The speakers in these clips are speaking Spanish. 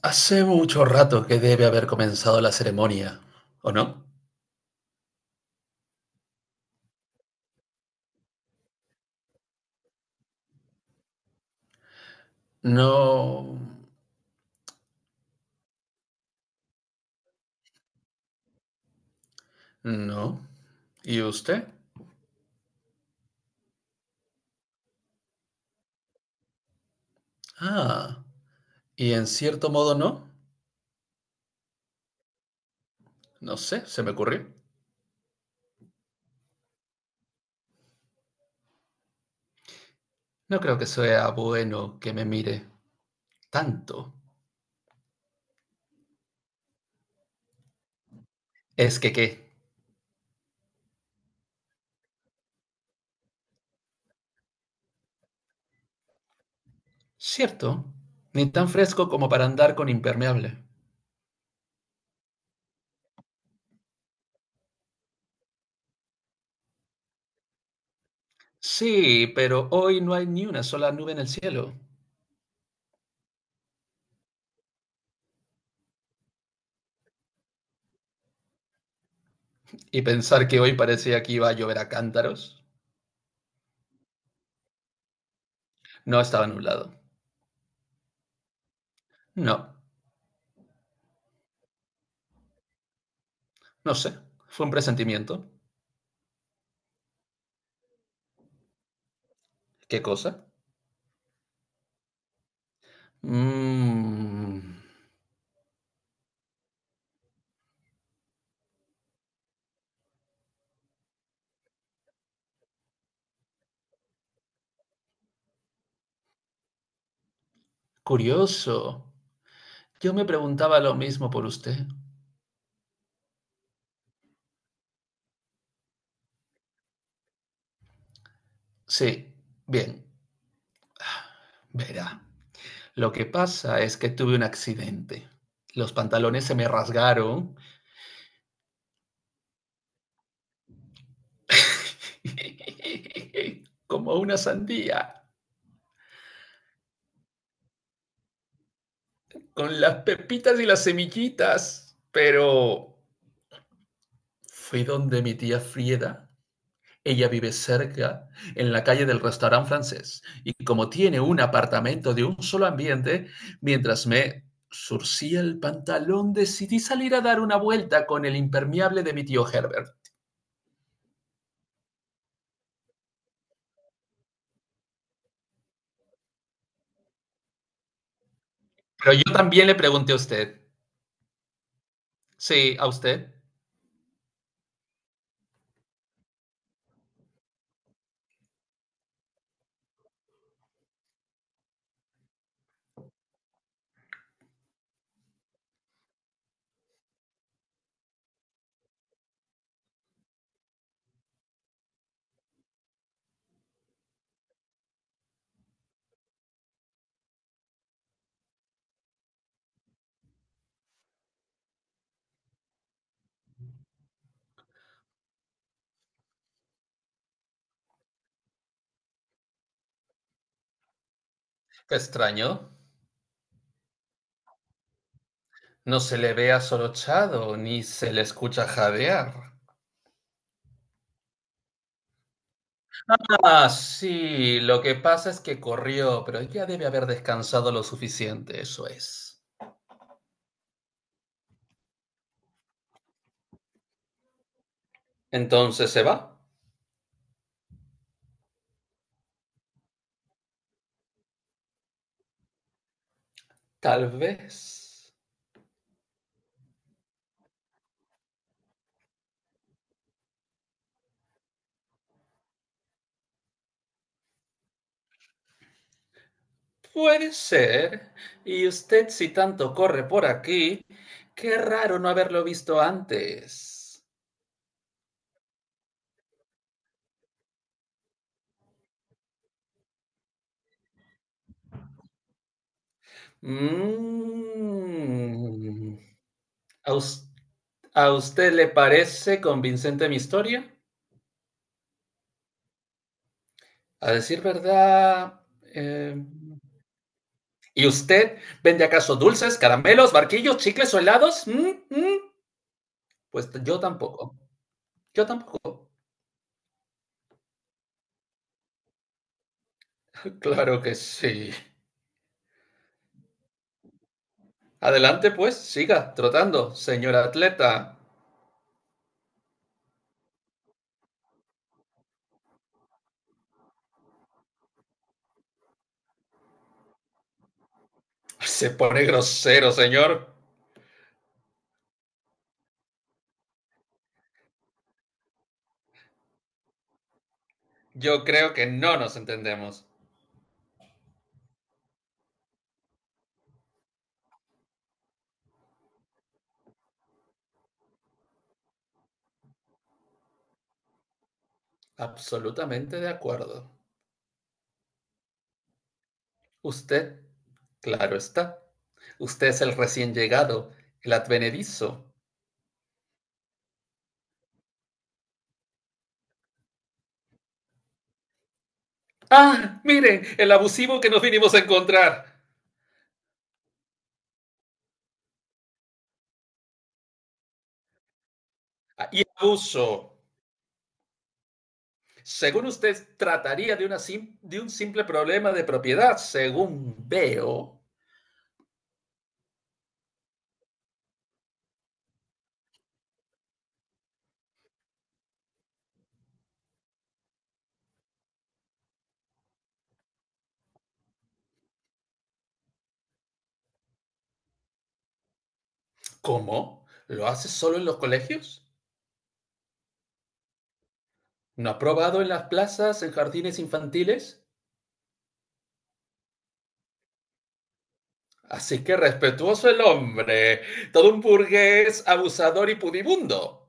Hace mucho rato que debe haber comenzado la ceremonia, ¿o no? No, no. ¿Y usted? Ah, y en cierto modo no. No sé, se me ocurrió. No creo que sea bueno que me mire tanto. Es que qué. Cierto, ni tan fresco como para andar con impermeable. Sí, pero hoy no hay ni una sola nube en el cielo. Y pensar que hoy parecía que iba a llover a cántaros. No estaba nublado. No, no sé, fue un presentimiento. ¿Qué cosa? Mm, curioso. Yo me preguntaba lo mismo por usted. Sí, bien. Verá, lo que pasa es que tuve un accidente. Los pantalones se me rasgaron como una sandía, con las pepitas y las semillitas. Pero fui donde mi tía Frieda. Ella vive cerca, en la calle del restaurante francés, y como tiene un apartamento de un solo ambiente, mientras me surcía el pantalón decidí salir a dar una vuelta con el impermeable de mi tío Herbert. Pero yo también le pregunté a usted. Sí, a usted. Qué extraño. No se le ve asorochado ni se le escucha jadear. Ah, sí, lo que pasa es que corrió, pero ya debe haber descansado lo suficiente, eso es. Entonces se va. Tal vez. Puede ser. Y usted, si tanto corre por aquí, qué raro no haberlo visto antes. Mm. ¿A a usted le parece convincente mi historia? A decir verdad. eh, ¿Y usted vende acaso dulces, caramelos, barquillos, chicles o helados? ¿Mm? ¿Mm? Pues yo tampoco. Yo tampoco. Claro que sí. Adelante, pues, siga trotando, señor atleta. Se pone grosero, señor. Yo creo que no nos entendemos. Absolutamente de acuerdo. Usted, claro está. Usted es el recién llegado, el advenedizo. ¡Ah! Miren, el abusivo que nos vinimos a encontrar. Ah, y abuso. Según usted, trataría de, una sim- de un simple problema de propiedad, según veo. ¿Cómo? ¿Lo hace solo en los colegios? No ha probado en las plazas, en jardines infantiles. Así que respetuoso el hombre, todo un burgués abusador y pudibundo.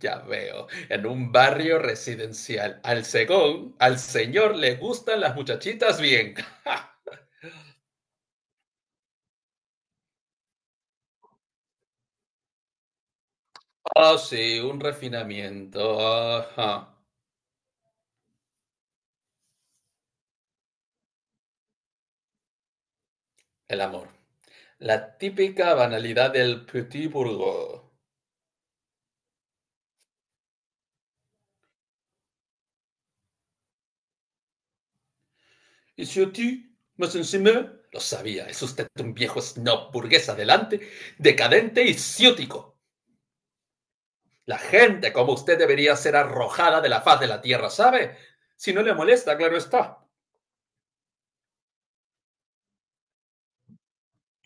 Ya veo, en un barrio residencial. Al señor le gustan las muchachitas bien. Ah, oh, sí, un refinamiento. Ajá. El amor. La típica banalidad del petit bourgeois. Y si a ti, más encima, lo sabía, es usted un viejo snob burgués adelante, decadente y ciútico. La gente como usted debería ser arrojada de la faz de la tierra, ¿sabe? Si no le molesta, claro está.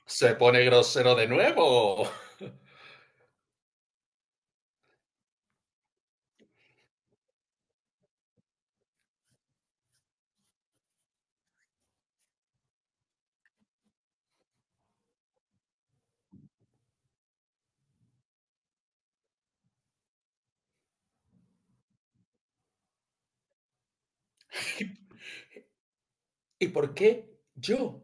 Se pone grosero de nuevo. ¿Y por qué yo?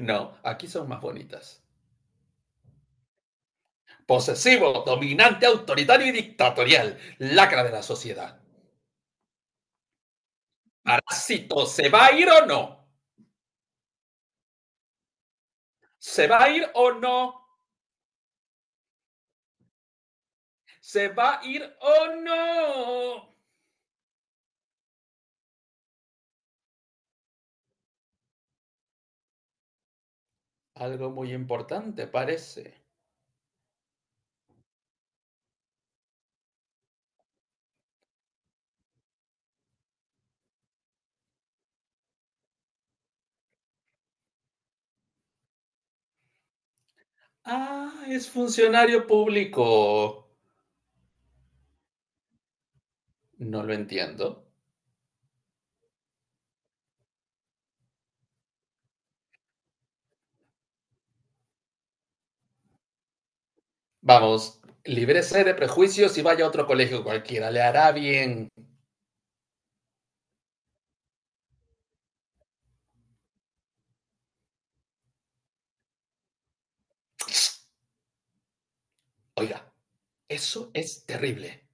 No, aquí son más bonitas. Posesivo, dominante, autoritario y dictatorial. Lacra de la sociedad. Parásito, ¿se va a ir o no? ¿Se va a ir o no? ¿Se va a ir o no? Algo muy importante, parece. Ah, es funcionario público. No lo entiendo. Vamos, líbrese de prejuicios y vaya a otro colegio cualquiera. Le hará bien. Oiga, eso es terrible.